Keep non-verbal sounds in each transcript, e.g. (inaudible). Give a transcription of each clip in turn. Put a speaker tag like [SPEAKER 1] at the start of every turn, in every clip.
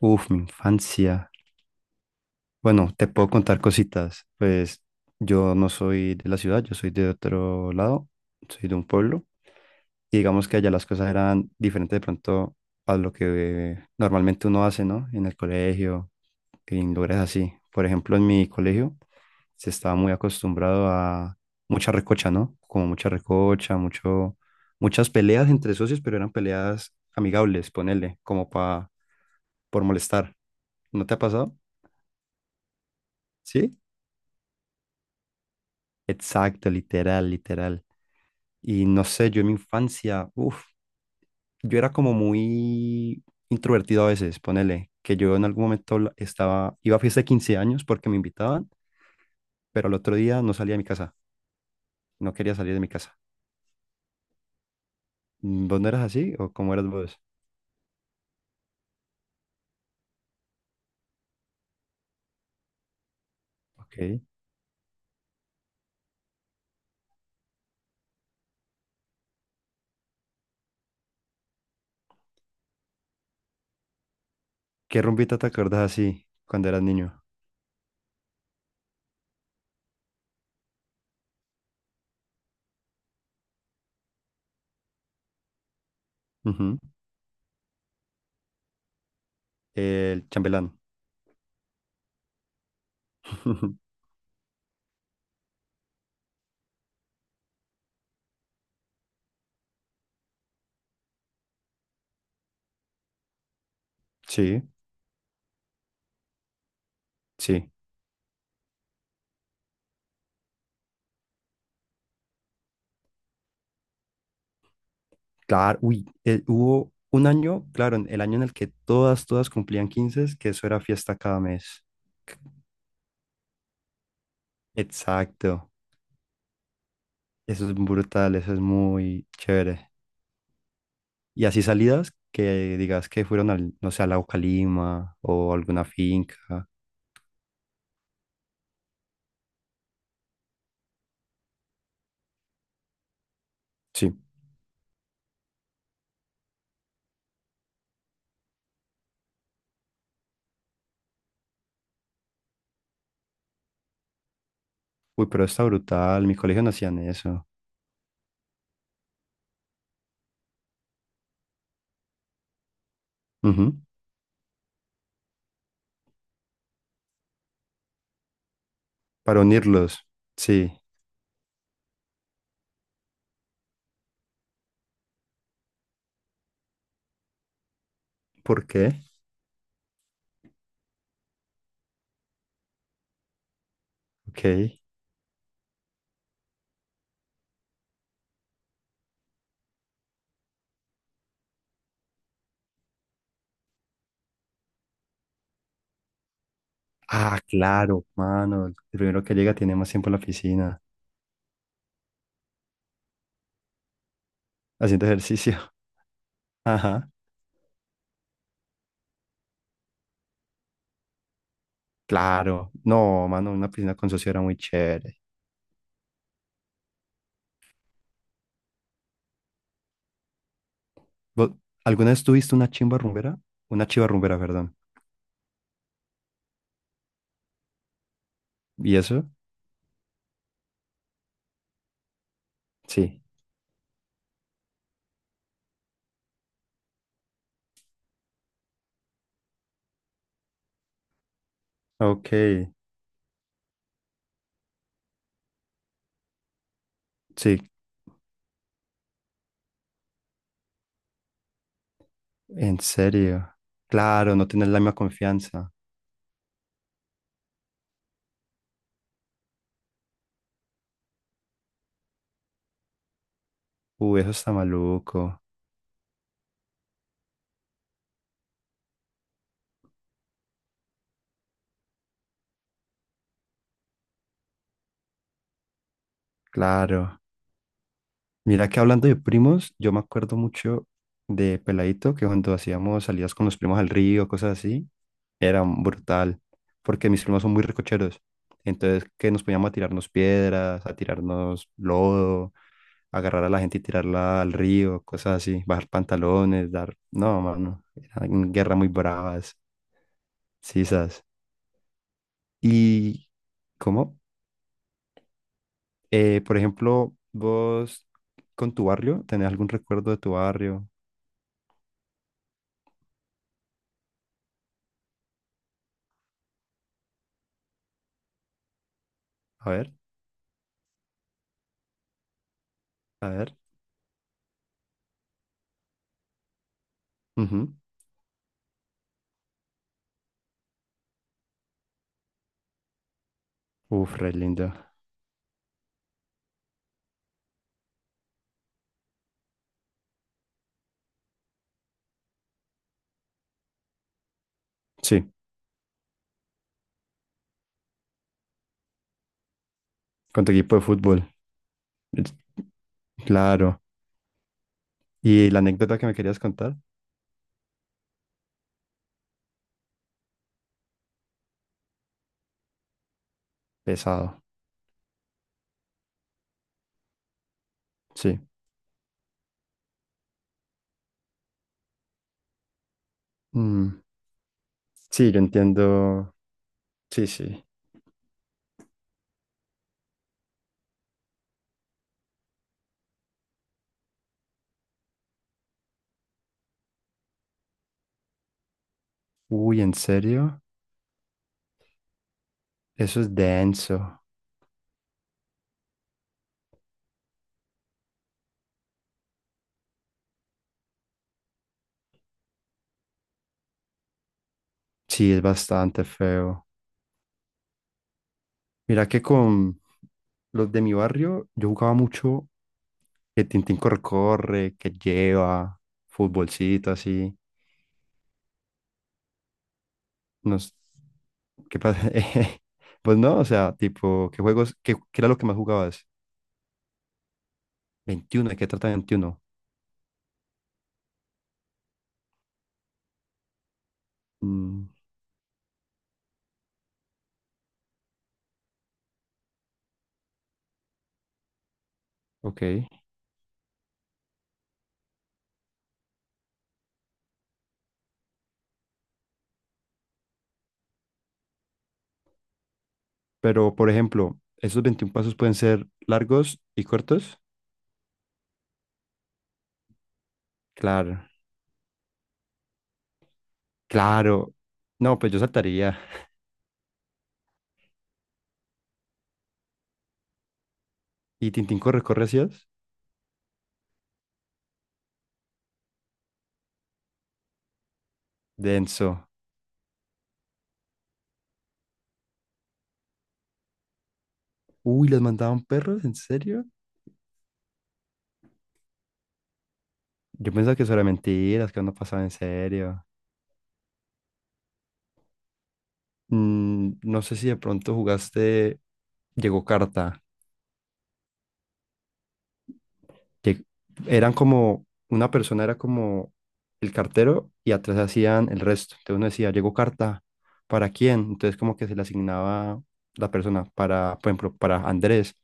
[SPEAKER 1] Uf, mi infancia. Bueno, te puedo contar cositas. Pues yo no soy de la ciudad, yo soy de otro lado, soy de un pueblo. Y digamos que allá las cosas eran diferentes de pronto a lo que normalmente uno hace, ¿no? En el colegio, en lugares así. Por ejemplo, en mi colegio se estaba muy acostumbrado a mucha recocha, ¿no? Como mucha recocha, mucho, muchas peleas entre socios, pero eran peleas amigables, ponele, como pa, por molestar. ¿No te ha pasado? ¿Sí? Exacto, literal, literal. Y no sé, yo en mi infancia, yo era como muy introvertido a veces, ponele, que yo en algún momento estaba, iba a fiesta de 15 años porque me invitaban, pero al otro día no salía de mi casa, no quería salir de mi casa. Mm, ¿vos no eras así o cómo eras vos? Ok. ¿Qué rumbita te acuerdas así cuando eras niño? Ujú. El chambelán. (laughs) Sí, sí. Claro, uy, hubo un año, claro, el año en el que todas, todas cumplían 15, que eso era fiesta cada mes. Exacto, eso es brutal, eso es muy chévere. Y así salidas que digas que fueron al, no sé, al Lago Calima o alguna finca. Sí, uy, pero está brutal, mi colegio no hacían eso. Ujú, para unirlos, sí. ¿Por qué? Ok. Ah, claro, mano, el primero que llega tiene más tiempo en la piscina, haciendo ejercicio. (laughs) Ajá. Claro, no, mano, una piscina con socio era muy chévere. ¿Vos alguna vez tuviste una chimba rumbera? Una chiva rumbera, perdón. ¿Y eso? Sí. Ok, sí, en serio. Claro, no tener la misma confianza. Uy, eso está maluco. Claro. Mira que hablando de primos, yo me acuerdo mucho de Peladito, que cuando hacíamos salidas con los primos al río, cosas así, era brutal, porque mis primos son muy recocheros. Entonces, que nos poníamos a tirarnos piedras, a tirarnos lodo, agarrar a la gente y tirarla al río, cosas así, bajar pantalones, dar... No, mano, eran guerras muy bravas, sisas. ¿Y cómo? Por ejemplo, vos con tu barrio, ¿tenés algún recuerdo de tu barrio? A ver. A ver. Ujú. Uf, re lindo. Sí, con tu equipo de fútbol. Es- Claro. Y la anécdota que me querías contar, pesado. Sí. Mm, sí, yo entiendo. Sí, sí. Uy, ¿en serio? Eso es denso. Sí, es bastante feo. Mira que con los de mi barrio, yo jugaba mucho que Tintín corre, corre, que lleva, futbolcito así. Nos, ¿qué pasa? (laughs) Pues no, o sea, tipo, ¿qué juegos, qué era lo que más jugabas? Veintiuno, ¿de qué trata veintiuno? Mm, ok. Pero, por ejemplo, esos 21 pasos pueden ser largos y cortos. Claro, claro. No, pues yo saltaría. ¿Y Tintín corre, corre hacías? Denso. Uy, ¿los mandaban perros? ¿En serio? Yo pensaba que eso era mentiras, que no pasaba en serio. Mm, no sé si de pronto jugaste Llegó Carta. Que eran como, una persona era como el cartero y atrás hacían el resto. Entonces uno decía, llegó carta, ¿para quién? Entonces como que se le asignaba la persona para, por ejemplo, para Andrés,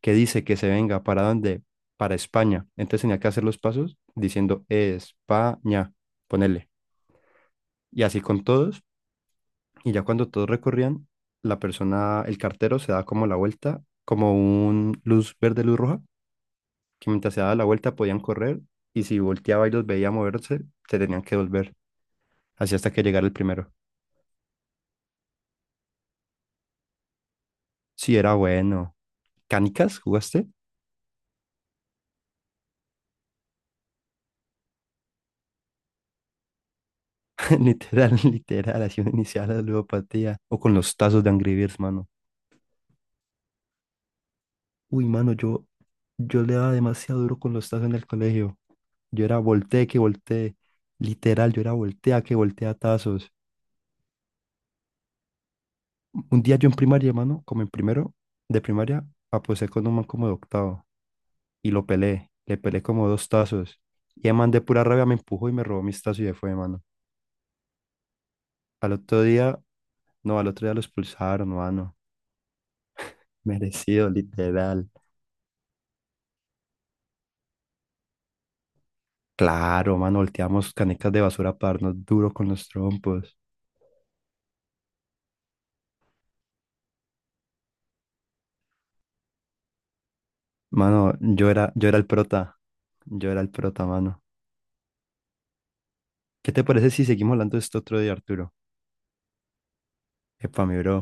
[SPEAKER 1] que dice que se venga, ¿para dónde? Para España. Entonces tenía que hacer los pasos diciendo España, ponele. Y así con todos. Y ya cuando todos recorrían, la persona, el cartero se da como la vuelta, como un luz verde, luz roja, que mientras se daba la vuelta podían correr y si volteaba y los veía moverse, se tenían que volver, así hasta que llegara el primero. Sí, era bueno. ¿Canicas jugaste? (laughs) Literal, literal, así una inicial a la ludopatía. O con los tazos de Angry Birds, mano. Uy, mano, yo le daba demasiado duro con los tazos en el colegio. Yo era volteé que volteé. Literal, yo era voltea que voltea tazos. Un día yo en primaria, mano, como en primero de primaria, aposé con un man como de octavo. Y lo pelé. Le pelé como dos tazos. Y el man de pura rabia me empujó y me robó mis tazos y se fue, mano. Al otro día, no, al otro día lo expulsaron, mano. Merecido, literal. Claro, mano, volteamos canecas de basura para darnos duro con los trompos. Mano, yo era el prota. Yo era el prota, mano. ¿Qué te parece si seguimos hablando de esto otro día, Arturo? Epa, mi bro.